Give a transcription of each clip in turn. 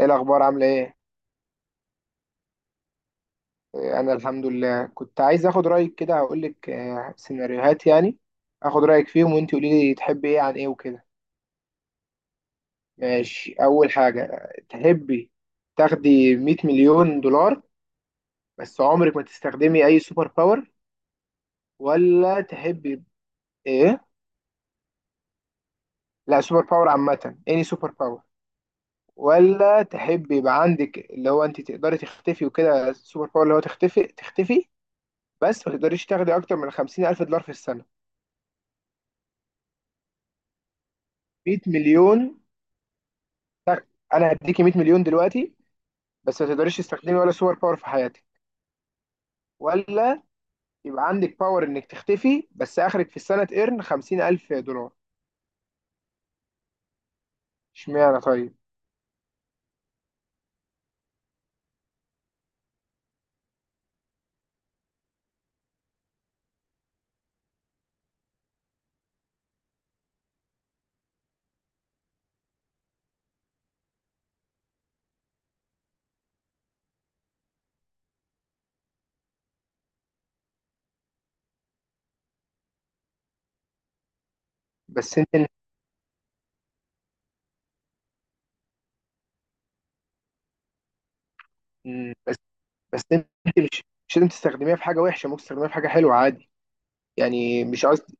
ايه الاخبار؟ عامله ايه؟ انا الحمد لله. كنت عايز اخد رايك كده، هقول لك سيناريوهات يعني، اخد رايك فيهم وانت قولي لي تحبي ايه عن ايه وكده. ماشي، اول حاجه، تحبي تاخدي 100 مليون دولار بس عمرك ما تستخدمي اي سوبر باور، ولا تحبي ايه؟ لا، سوبر باور عامه، اني سوبر باور. ولا تحبي يبقى عندك اللي هو انت تقدري تختفي وكده، السوبر باور اللي هو تختفي تختفي، بس ما تقدريش تاخدي اكتر من 50 الف دولار في السنه. 100 مليون. تك. انا هديكي 100 مليون دلوقتي بس ما تقدريش تستخدمي ولا سوبر باور في حياتك، ولا يبقى عندك باور انك تختفي بس اخرك في السنه تقرن 50000 دولار. اشمعنى طيب؟ بس انت مم، بس بس انت مش مش لازم تستخدميها في حاجه وحشه، ممكن تستخدميها في حاجه حلوه عادي. يعني مش قصدي،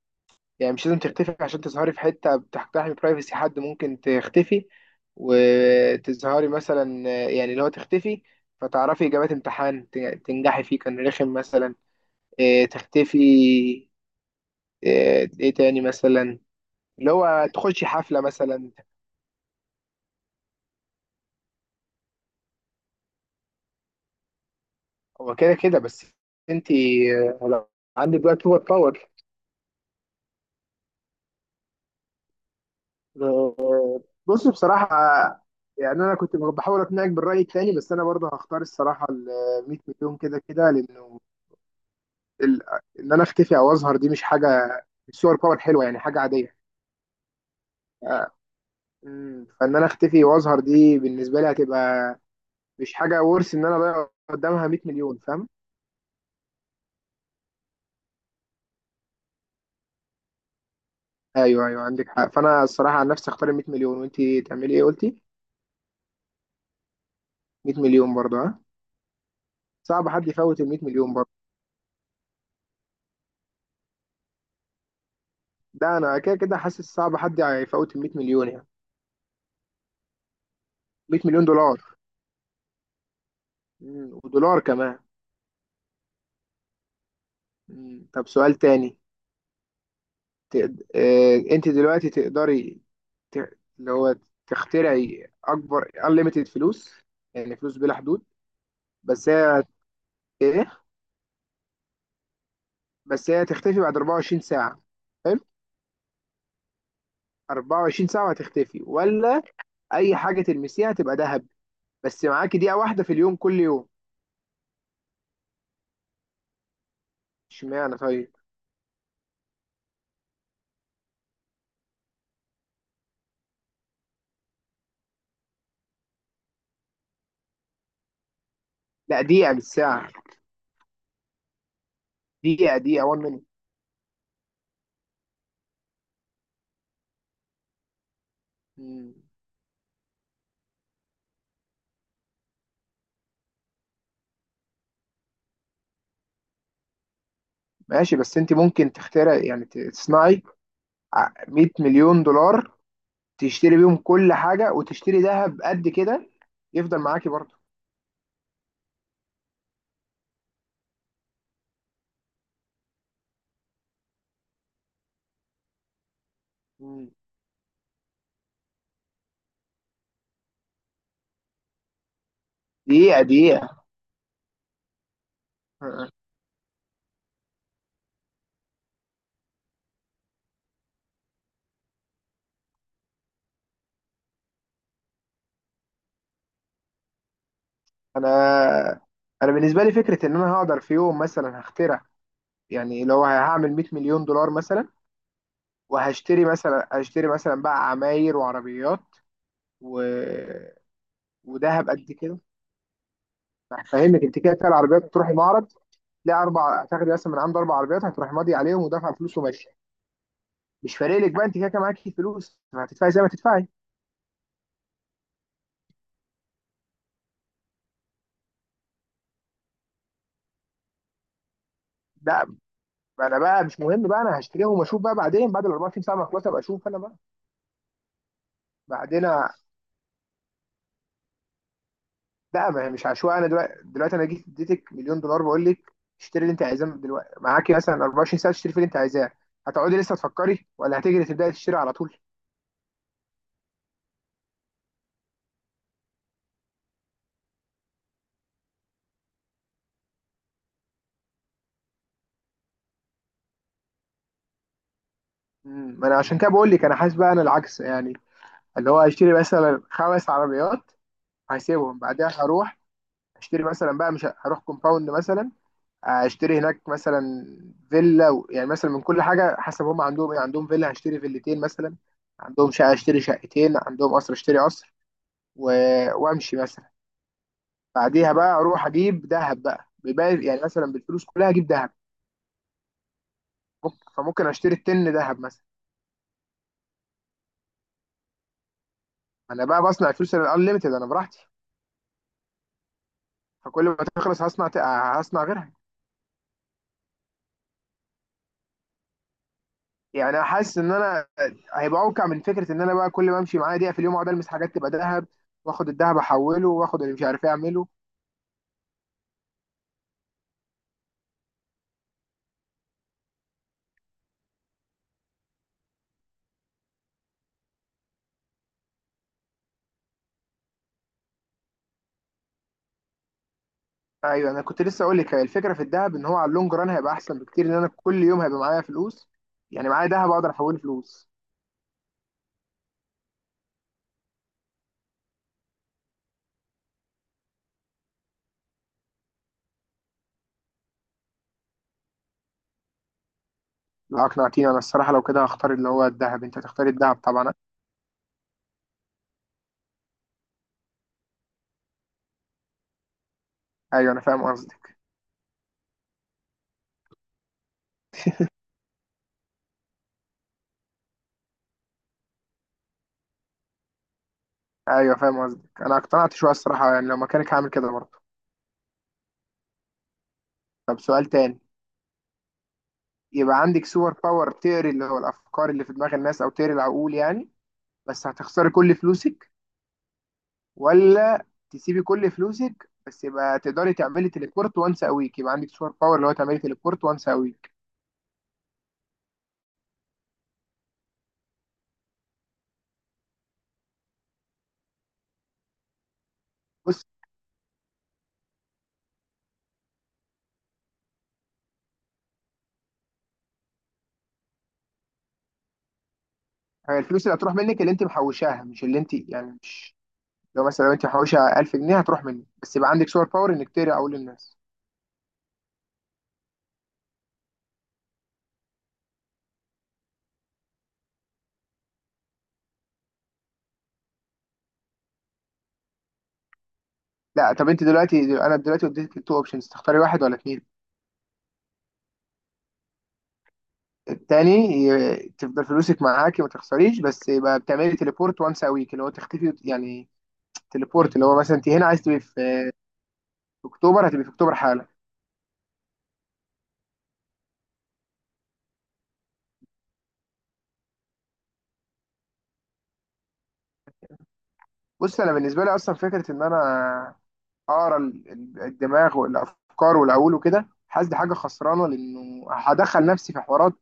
يعني مش لازم تختفي عشان تظهري في حته بتحترمي برايفسي حد. ممكن تختفي وتظهري مثلا، يعني اللي هو تختفي فتعرفي اجابات امتحان تنجحي فيه كان رخم مثلا. تختفي. ايه إيه تاني مثلا؟ اللي هو تخشي حفلة مثلا. هو كده كده، بس انت لو عندك بقى سوبر باور. آه، بص بصراحة، يعني انا كنت بحاول اقنعك بالرأي التاني، بس انا برضه هختار الصراحة ال 100 مليون، كده كده لانه ال- ان انا اختفي او اظهر دي مش حاجة، مش سوبر باور حلوة، يعني حاجة عادية. آه، فان انا اختفي واظهر دي بالنسبة لي هتبقى مش حاجة ورث ان انا اضيع قدامها 100 مليون، فاهم؟ ايوه ايوه، عندك حق، فانا الصراحه عن نفسي اختار ال 100 مليون. وانت تعملي ايه قلتي؟ 100 مليون برضه؟ ها، صعب حد يفوت ال 100 مليون برضه، ده انا كده كده حاسس صعب حد يفوت ال 100 مليون يعني. 100 مليون دولار. ودولار كمان. طب سؤال تاني. انت دلوقتي تقدري ت... اللي هو تخترعي اكبر unlimited فلوس، يعني فلوس بلا حدود، بس هي ايه، بس هي تختفي بعد 24 ساعه. حلو. 24 ساعه هتختفي، ولا اي حاجه تلمسيها تبقى ذهب بس معاكي دقيقة واحدة في اليوم كل يوم؟ اشمعنى طيب؟ لا، دقيقة بالساعة. دقيقة 1 مينيت. ماشي، بس انت ممكن تخترع، يعني تصنعي 100 مليون دولار تشتري بيهم كل حاجة وتشتري ذهب قد كده، يفضل معاكي برضه. مم. دقيقة. آه. انا انا بالنسبة لي فكرة ان انا هقدر في يوم مثلا هخترع، يعني لو هعمل 100 مليون دولار مثلا وهشتري مثلا، هشتري مثلا بقى عماير وعربيات و... وذهب قد كده. فاهمك، انت كده كده العربيات بتروحي معرض تلاقي اربع، هتاخدي مثلا من عنده اربع عربيات، هتروحي ماضي عليهم ودافعه فلوس وماشيه. مش فارق لك بقى، انت كده كده معاكي فلوس، ما هتدفعي زي ما تدفعي. لا انا بقى مش مهم، بقى انا هشتريهم واشوف بقى بعدين، بعد ال 24 ساعه ما اخلص ابقى اشوف انا بقى. بعدين أ- لا ما هي مش عشوائي، انا دلوقتي، انا جيت اديتك مليون دولار، بقول لك اشتري اللي انت عايزاه. من دلوقتي معاكي مثلا 24 ساعه تشتري في اللي انت عايزاه، هتقعدي لسه تفكري ولا هتجري تبداي تشتري على طول؟ ما انا عشان كده بقول لك، انا حاسس بقى انا العكس يعني، اللي هو هيشتري مثلا خمس عربيات، هسيبهم بعدها هروح اشتري مثلا بقى، مش هروح كومباوند مثلا، اشتري هناك مثلا فيلا يعني مثلا من كل حاجه حسب هم عندهم ايه، عندهم فيلا هشتري فيلتين مثلا، عندهم شقه اشتري شقتين، عندهم قصر اشتري قصر و... وامشي مثلا. بعديها بقى اروح اجيب ذهب بقى، بيبقى يعني مثلا بالفلوس كلها اجيب ذهب. فممكن اشتري التن ذهب مثلا. انا بقى بصنع الفلوس الانليمتد انا براحتي، فكل ما تخلص هصنع غيرها. يعني حاسس ان انا هيبقى اوقع من فكره ان انا بقى كل ما امشي معايا دقيقه في اليوم اقعد المس حاجات تبقى ذهب، واخد الذهب احوله، واخد اللي مش عارف ايه اعمله. ايوه انا كنت لسه اقول لك، هي الفكره في الذهب ان هو على اللونج ران هيبقى احسن بكتير، ان انا كل يوم هيبقى معايا فلوس، يعني معايا ذهب اقدر احوله فلوس. لا اقنعتيني انا الصراحه، لو كده هختار اللي هو الذهب. انت هتختاري الذهب طبعا. ايوه انا فاهم قصدك. ايوه فاهم قصدك، انا اقتنعت شويه الصراحه، يعني لو مكانك هعمل كده برضه. طب سؤال تاني. يبقى عندك سوبر باور تقري اللي هو الافكار اللي في دماغ الناس، او تقري العقول يعني، بس هتخسري كل فلوسك، ولا تسيبي كل فلوسك بس يبقى تقدري تعملي تليبورت وانس ا ويك، يبقى عندك سوبر باور اللي هو تعملي تليبورت وانس ا ويك. بص هي الفلوس اللي هتروح منك اللي انت محوشاها، مش اللي انت يعني مش، لو مثلا لو انت محوشه 1000 جنيه هتروح منك، بس يبقى عندك سوبر باور انك تقري عقول الناس. لا طب انت دلوقتي، انا دلوقتي اديتك تو اوبشنز، تختاري واحد ولا اتنين؟ التاني. تفضل فلوسك معاكي ما تخسريش، بس يبقى بتعملي تليبورت وانس ا ويك، اللي هو تختفي يعني، تليبورت اللي هو مثلا انت هنا عايز تبقي في، في اكتوبر هتبقي في اكتوبر حالا. بص انا بالنسبه لي اصلا فكره ان انا اقرا الدماغ والافكار والعقول وكده، حاسس دي حاجه خسرانه، لانه هدخل نفسي في حوارات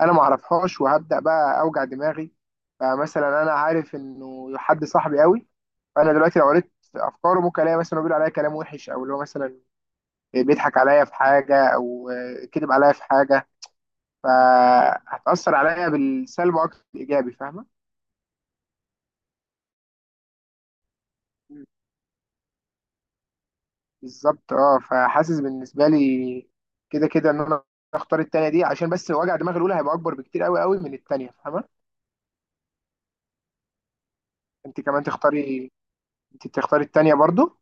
انا ما اعرفهاش وهبدا بقى اوجع دماغي. فمثلا انا عارف انه حد صاحبي قوي، فانا دلوقتي لو قريت افكاره ممكن الاقي مثلا هو بيقول عليا كلام وحش، او اللي هو مثلا بيضحك عليا في حاجه، او كذب عليا في حاجه، فهتاثر عليا بالسلب اكتر من الايجابي، فاهمه؟ بالظبط. اه فحاسس بالنسبه لي كده كده ان انا اختار التانية دي، عشان بس وجع دماغ الاولى هيبقى اكبر بكتير قوي قوي من التانية، فاهمه؟ انت كمان تختاري، انت تختاري التانية برضو.